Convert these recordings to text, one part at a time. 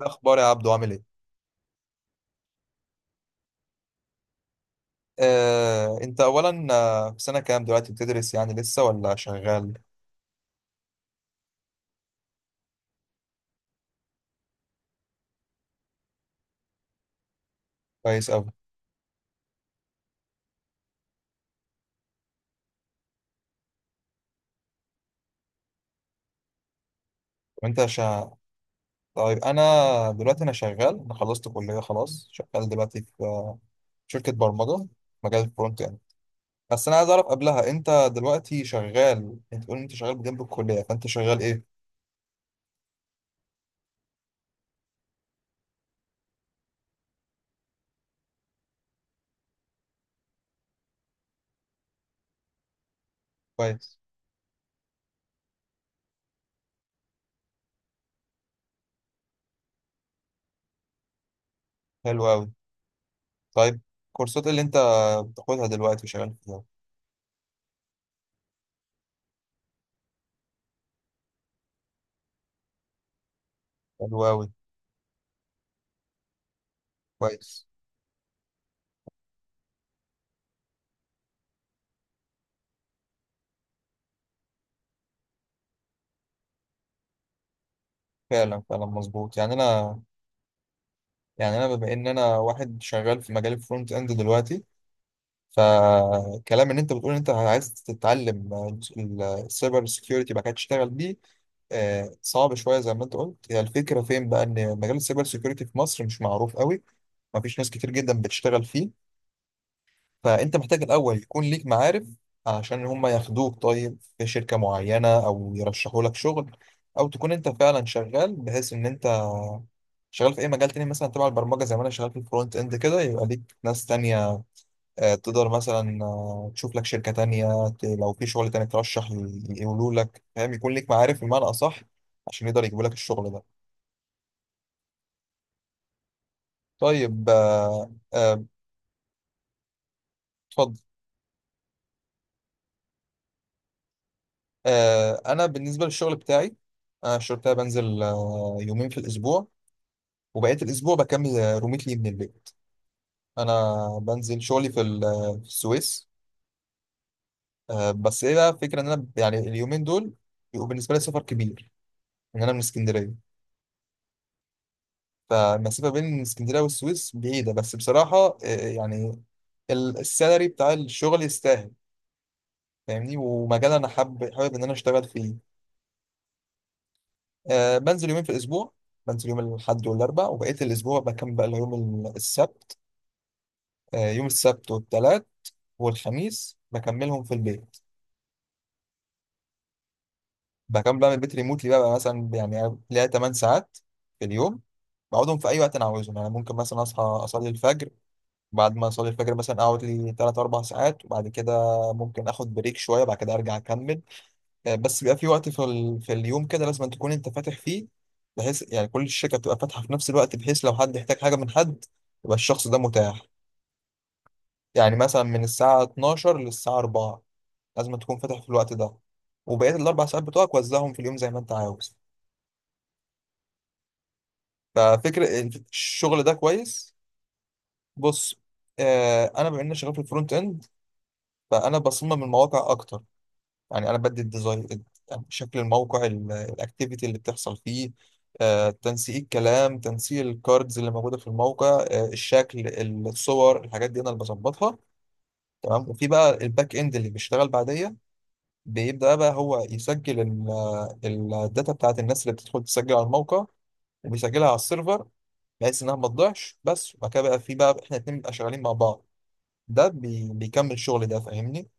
إيه اخبار يا عبدو؟ عامل ايه؟ انت اولا، في سنه كام دلوقتي؟ بتدرس يعني لسه ولا شغال؟ كويس قوي. وانت شا... طيب انا دلوقتي، انا شغال، انا خلصت كليه خلاص، شغال دلوقتي في شركه برمجه، مجال الفرونت يعني. بس انا عايز اعرف قبلها، انت دلوقتي شغال، انت بتقول إن انت شغال جنب الكليه، فانت شغال ايه؟ كويس. حلو قوي. طيب الكورسات اللي انت بتاخدها دلوقتي شغال فيها؟ حلو قوي. كويس. فعلا فعلا مظبوط. يعني انا، يعني انا بما ان انا واحد شغال في مجال الفرونت اند دلوقتي، فكلام ان انت بتقول ان انت عايز تتعلم السايبر سيكيورتي بقى كده تشتغل بيه، صعب شويه زي ما انت قلت. هي الفكره فين بقى؟ ان مجال السايبر سيكيورتي في مصر مش معروف قوي، مفيش ناس كتير جدا بتشتغل فيه، فانت محتاج الاول يكون ليك معارف عشان هم ياخدوك طيب في شركه معينه او يرشحوا لك شغل، او تكون انت فعلا شغال بحيث ان انت شغال في اي مجال تاني مثلا تبع البرمجه زي ما انا شغال في الفرونت اند كده، يبقى ليك ناس تانية تقدر مثلا تشوف لك شركه تانية، لو في شغل تاني ترشح، يقولوا لك، فاهم؟ يكون ليك معارف بمعنى اصح عشان يقدر يجيبوا لك الشغل ده. طيب اتفضل. انا بالنسبه للشغل بتاعي، انا الشغل بتاعي بنزل يومين في الاسبوع، وبقيه الاسبوع بكمل روميتلي من البيت. انا بنزل شغلي في في السويس. بس ايه بقى الفكره؟ ان انا يعني اليومين دول بيبقوا بالنسبه لي سفر كبير. يعني انا من اسكندريه، فالمسافه بين اسكندريه والسويس بعيده، بس بصراحه يعني السالري بتاع الشغل يستاهل، فاهمني؟ ومجال انا حابب ان انا اشتغل فيه. أه، بنزل يومين في الاسبوع، بنزل يوم الاحد والاربع، وبقيه الاسبوع بكمل بقى يوم السبت. أه، يوم السبت والثلاث والخميس بكملهم في البيت، بكمل بقى من البيت ريموتلي. بقى مثلا يعني ليا 8 ساعات في اليوم، بقعدهم في اي وقت انا عاوزهم. يعني ممكن مثلا اصحى اصلي الفجر، بعد ما اصلي الفجر مثلا اقعد لي 3 4 ساعات، وبعد كده ممكن اخد بريك شويه، بعد كده ارجع اكمل. بس بيبقى في وقت في اليوم كده لازم أن تكون انت فاتح فيه، بحيث يعني كل الشركه بتبقى فاتحه في نفس الوقت، بحيث لو حد يحتاج حاجه من حد يبقى الشخص ده متاح. يعني مثلا من الساعه 12 للساعه 4 لازم أن تكون فاتح في الوقت ده، وبقيه الاربع ساعات بتوعك وزعهم في اليوم زي ما انت عاوز. ففكر، الشغل ده كويس. بص، انا بما اني شغال في الفرونت اند، فانا بصمم المواقع اكتر. يعني انا بدي الديزاين، شكل الموقع، الاكتيفيتي اللي بتحصل فيه، تنسيق الكلام، تنسيق الكاردز اللي موجوده في الموقع، الشكل، الصور، الحاجات دي انا اللي بظبطها. تمام؟ وفي بقى الباك اند اللي بيشتغل بعديا، بيبدأ بقى هو يسجل الداتا بتاعت الناس اللي بتدخل تسجل على الموقع، وبيسجلها على السيرفر بحيث انها ما تضيعش. بس وبعد كده بقى في بقى احنا الاتنين بنبقى شغالين مع بعض. ده بيكمل شغل ده، فاهمني؟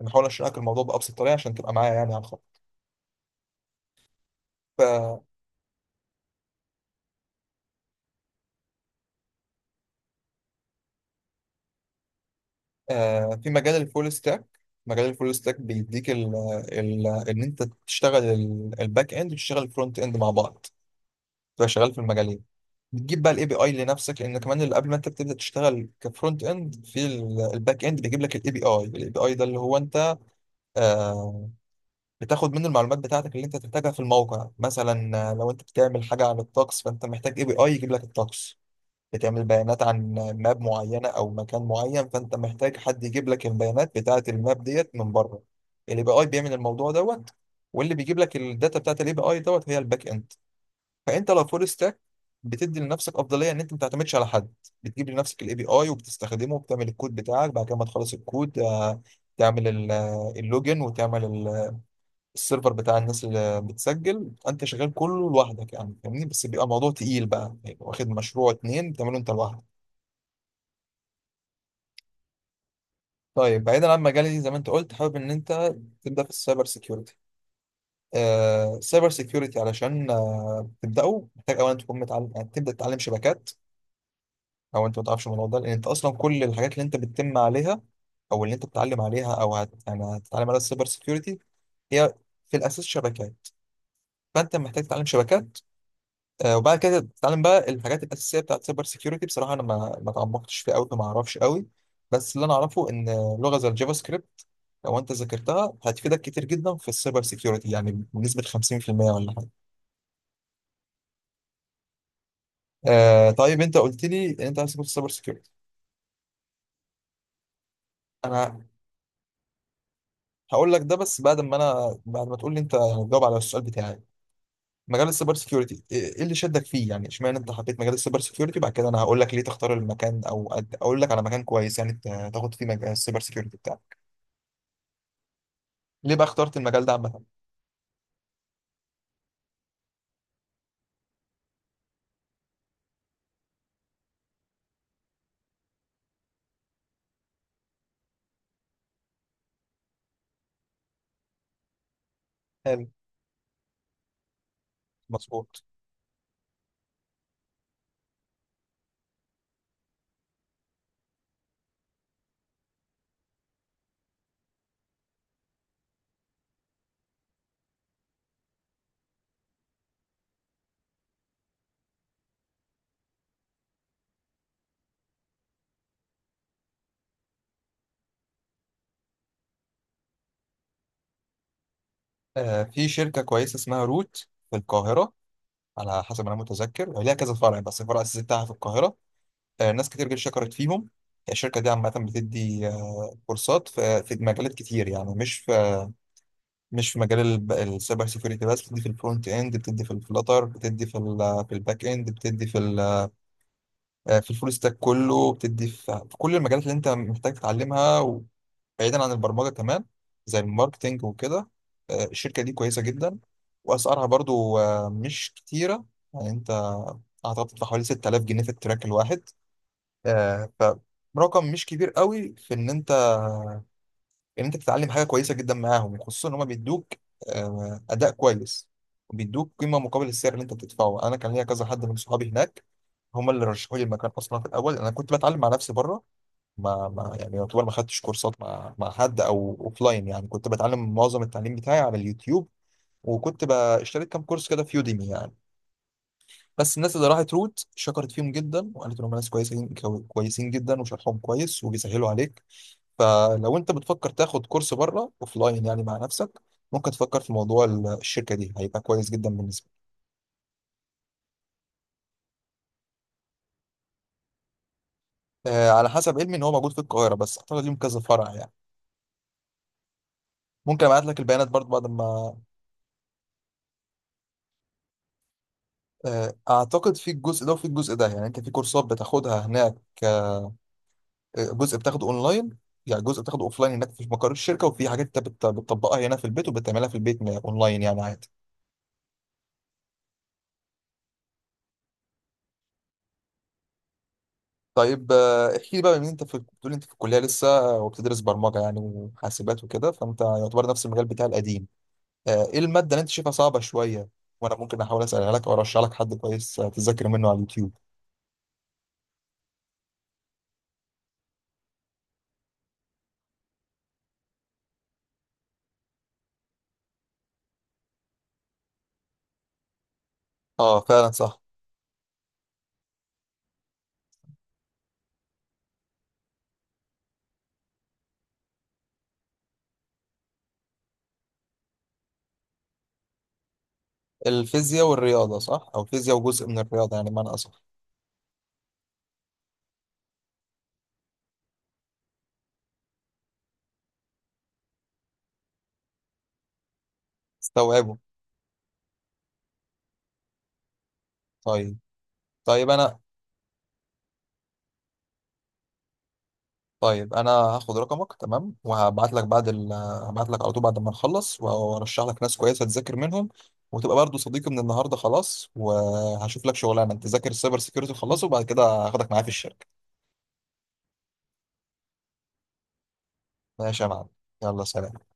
بنحاول اشرح لك الموضوع بأبسط طريقة عشان تبقى معايا يعني على الخط. في مجال الفول ستاك، مجال الفول ستاك بيديك ال ال ان انت تشتغل الباك اند وتشتغل الفرونت اند مع بعض، تبقى شغال في المجالين. بتجيب بقى الاي بي اي لنفسك، لان كمان اللي قبل ما انت بتبدا تشتغل كفرونت اند في الباك اند بيجيب لك الاي بي اي. الاي بي اي ده اللي هو انت آه، بتاخد منه المعلومات بتاعتك اللي انت تحتاجها في الموقع. مثلا لو انت بتعمل حاجه عن الطقس، فانت محتاج اي بي اي يجيب لك الطقس. بتعمل بيانات عن ماب معينة أو مكان معين، فأنت محتاج حد يجيب لك البيانات بتاعة الماب ديت من بره. ال API بيعمل الموضوع دوت، واللي بيجيب لك الداتا بتاعة ال API دوت هي الباك إند. فأنت لو فول ستاك، بتدي لنفسك أفضلية إن أنت ما تعتمدش على حد، بتجيب لنفسك ال API وبتستخدمه وبتعمل الكود بتاعك. بعد كده ما تخلص الكود، تعمل اللوجن، وتعمل السيرفر بتاع الناس اللي بتسجل. انت شغال كله لوحدك يعني، فاهمني؟ بس بيبقى موضوع تقيل بقى، يعني واخد مشروع اتنين بتعمله انت لوحدك. طيب بعيدا عن مجالي، زي ما انت قلت حابب ان انت تبدا في السايبر سيكيورتي، آه السايبر سيكيورتي علشان آه تبداه، محتاج اولا تكون متعلم، يعني تبدا تتعلم شبكات. او انت ما تعرفش الموضوع ده؟ لان انت اصلا كل الحاجات اللي انت بتتم عليها، او اللي انت بتتعلم عليها، او يعني هتتعلم عليها السايبر سيكيورتي، هي في الاساس شبكات. فانت محتاج تتعلم شبكات، وبعد كده بتتعلم بقى الحاجات الاساسيه بتاعت سايبر سيكيورتي. بصراحه انا ما اتعمقتش فيه قوي فما اعرفش قوي، بس اللي انا اعرفه ان لغه زي الجافا سكريبت لو انت ذاكرتها هتفيدك كتير جدا في السايبر سيكيورتي، يعني بنسبه 50% ولا حاجه. آه طيب، انت قلت لي ان انت عايز تدخل السايبر سيكيورتي، انا هقول لك ده، بس بعد ما انا بعد ما تقول لي انت يعني، تجاوب على السؤال بتاعي. مجال السايبر سيكيورتي ايه إيه اللي شدك فيه يعني؟ اشمعنى انت حبيت مجال السايبر سيكيورتي؟ وبعد كده انا هقول لك ليه تختار المكان، او اقول لك على مكان كويس يعني تاخد فيه مجال السايبر سيكيورتي. ليه بقى اخترت المجال ده عامة؟ حلو. مظبوط. آه في شركة كويسة اسمها روت في القاهرة، على حسب ما أنا متذكر ليها كذا فرع، بس الفرع الأساسي بتاعها في القاهرة. آه ناس كتير جدا شكرت فيهم. الشركة دي عامة بتدي آه كورسات في مجالات كتير، يعني مش في، مش في مجال السايبر سيكيورتي بس، بتدي في الفرونت اند، بتدي في الفلاتر، بتدي في في الباك اند، بتدي في في الفول ستاك كله، بتدي في كل المجالات اللي انت محتاج تتعلمها، بعيدا عن البرمجه كمان، زي الماركتينج وكده. الشركه دي كويسه جدا، واسعارها برضو مش كتيره. يعني انت اعتقد بتدفع حوالي 6000 جنيه في التراك الواحد، آه، فرقم مش كبير قوي في ان انت، ان انت تتعلم حاجه كويسه جدا معاهم، خصوصا ان هم بيدوك اداء كويس وبيدوك قيمه مقابل السعر اللي انت بتدفعه. انا كان ليا كذا حد من صحابي هناك، هم اللي رشحوا لي المكان اصلا. في الاول انا كنت بتعلم مع نفسي بره، ما يعني يعتبر ما خدتش كورسات مع حد او اوفلاين يعني، كنت بتعلم معظم التعليم بتاعي على اليوتيوب، وكنت اشتريت كام كورس كده في يوديمي يعني. بس الناس اللي راحت روت شكرت فيهم جدا، وقالت انهم ناس كويسين كويسين جدا، وشرحهم كويس وبيسهلوا عليك. فلو انت بتفكر تاخد كورس بره اوفلاين يعني مع نفسك، ممكن تفكر في موضوع الشركه دي، هيبقى كويس جدا بالنسبه لك. على حسب علمي ان هو موجود في القاهره، بس اعتقد ليهم كذا فرع يعني. ممكن ابعت لك البيانات برضه بعد ما، اعتقد في الجزء ده وفي الجزء ده، يعني انت في كورسات بتاخدها هناك، آه، جزء بتاخده اونلاين، يعني جزء بتاخده اوفلاين هناك في مقر الشركه، وفي حاجات انت بتطبقها هنا في البيت وبتعملها في البيت، اونلاين يعني عادي. طيب احكي لي بقى من انت، في بتقول انت في الكليه لسه وبتدرس برمجه يعني وحاسبات وكده، فانت يعتبر نفس المجال بتاع القديم، ايه الماده اللي انت شايفها صعبه شويه؟ وانا ممكن احاول اسالها لك، او ارشح لك حد كويس تذاكر منه على اليوتيوب. اه فعلا صح. الفيزياء والرياضه صح، او فيزياء وجزء من الرياضه يعني معنى اصح. استوعبه. طيب. طيب انا طيب انا هاخد رقمك تمام، وهبعت لك بعد هبعت لك على طول بعد ما نخلص، وارشح لك ناس كويسه تذاكر منهم، وتبقى برضو صديقي من النهارده خلاص. وهشوف لك شغلانه، انت ذاكر السايبر سيكيورتي خلصه، وبعد كده هاخدك معايا في الشركه. ماشي يا معلم، يلا سلام.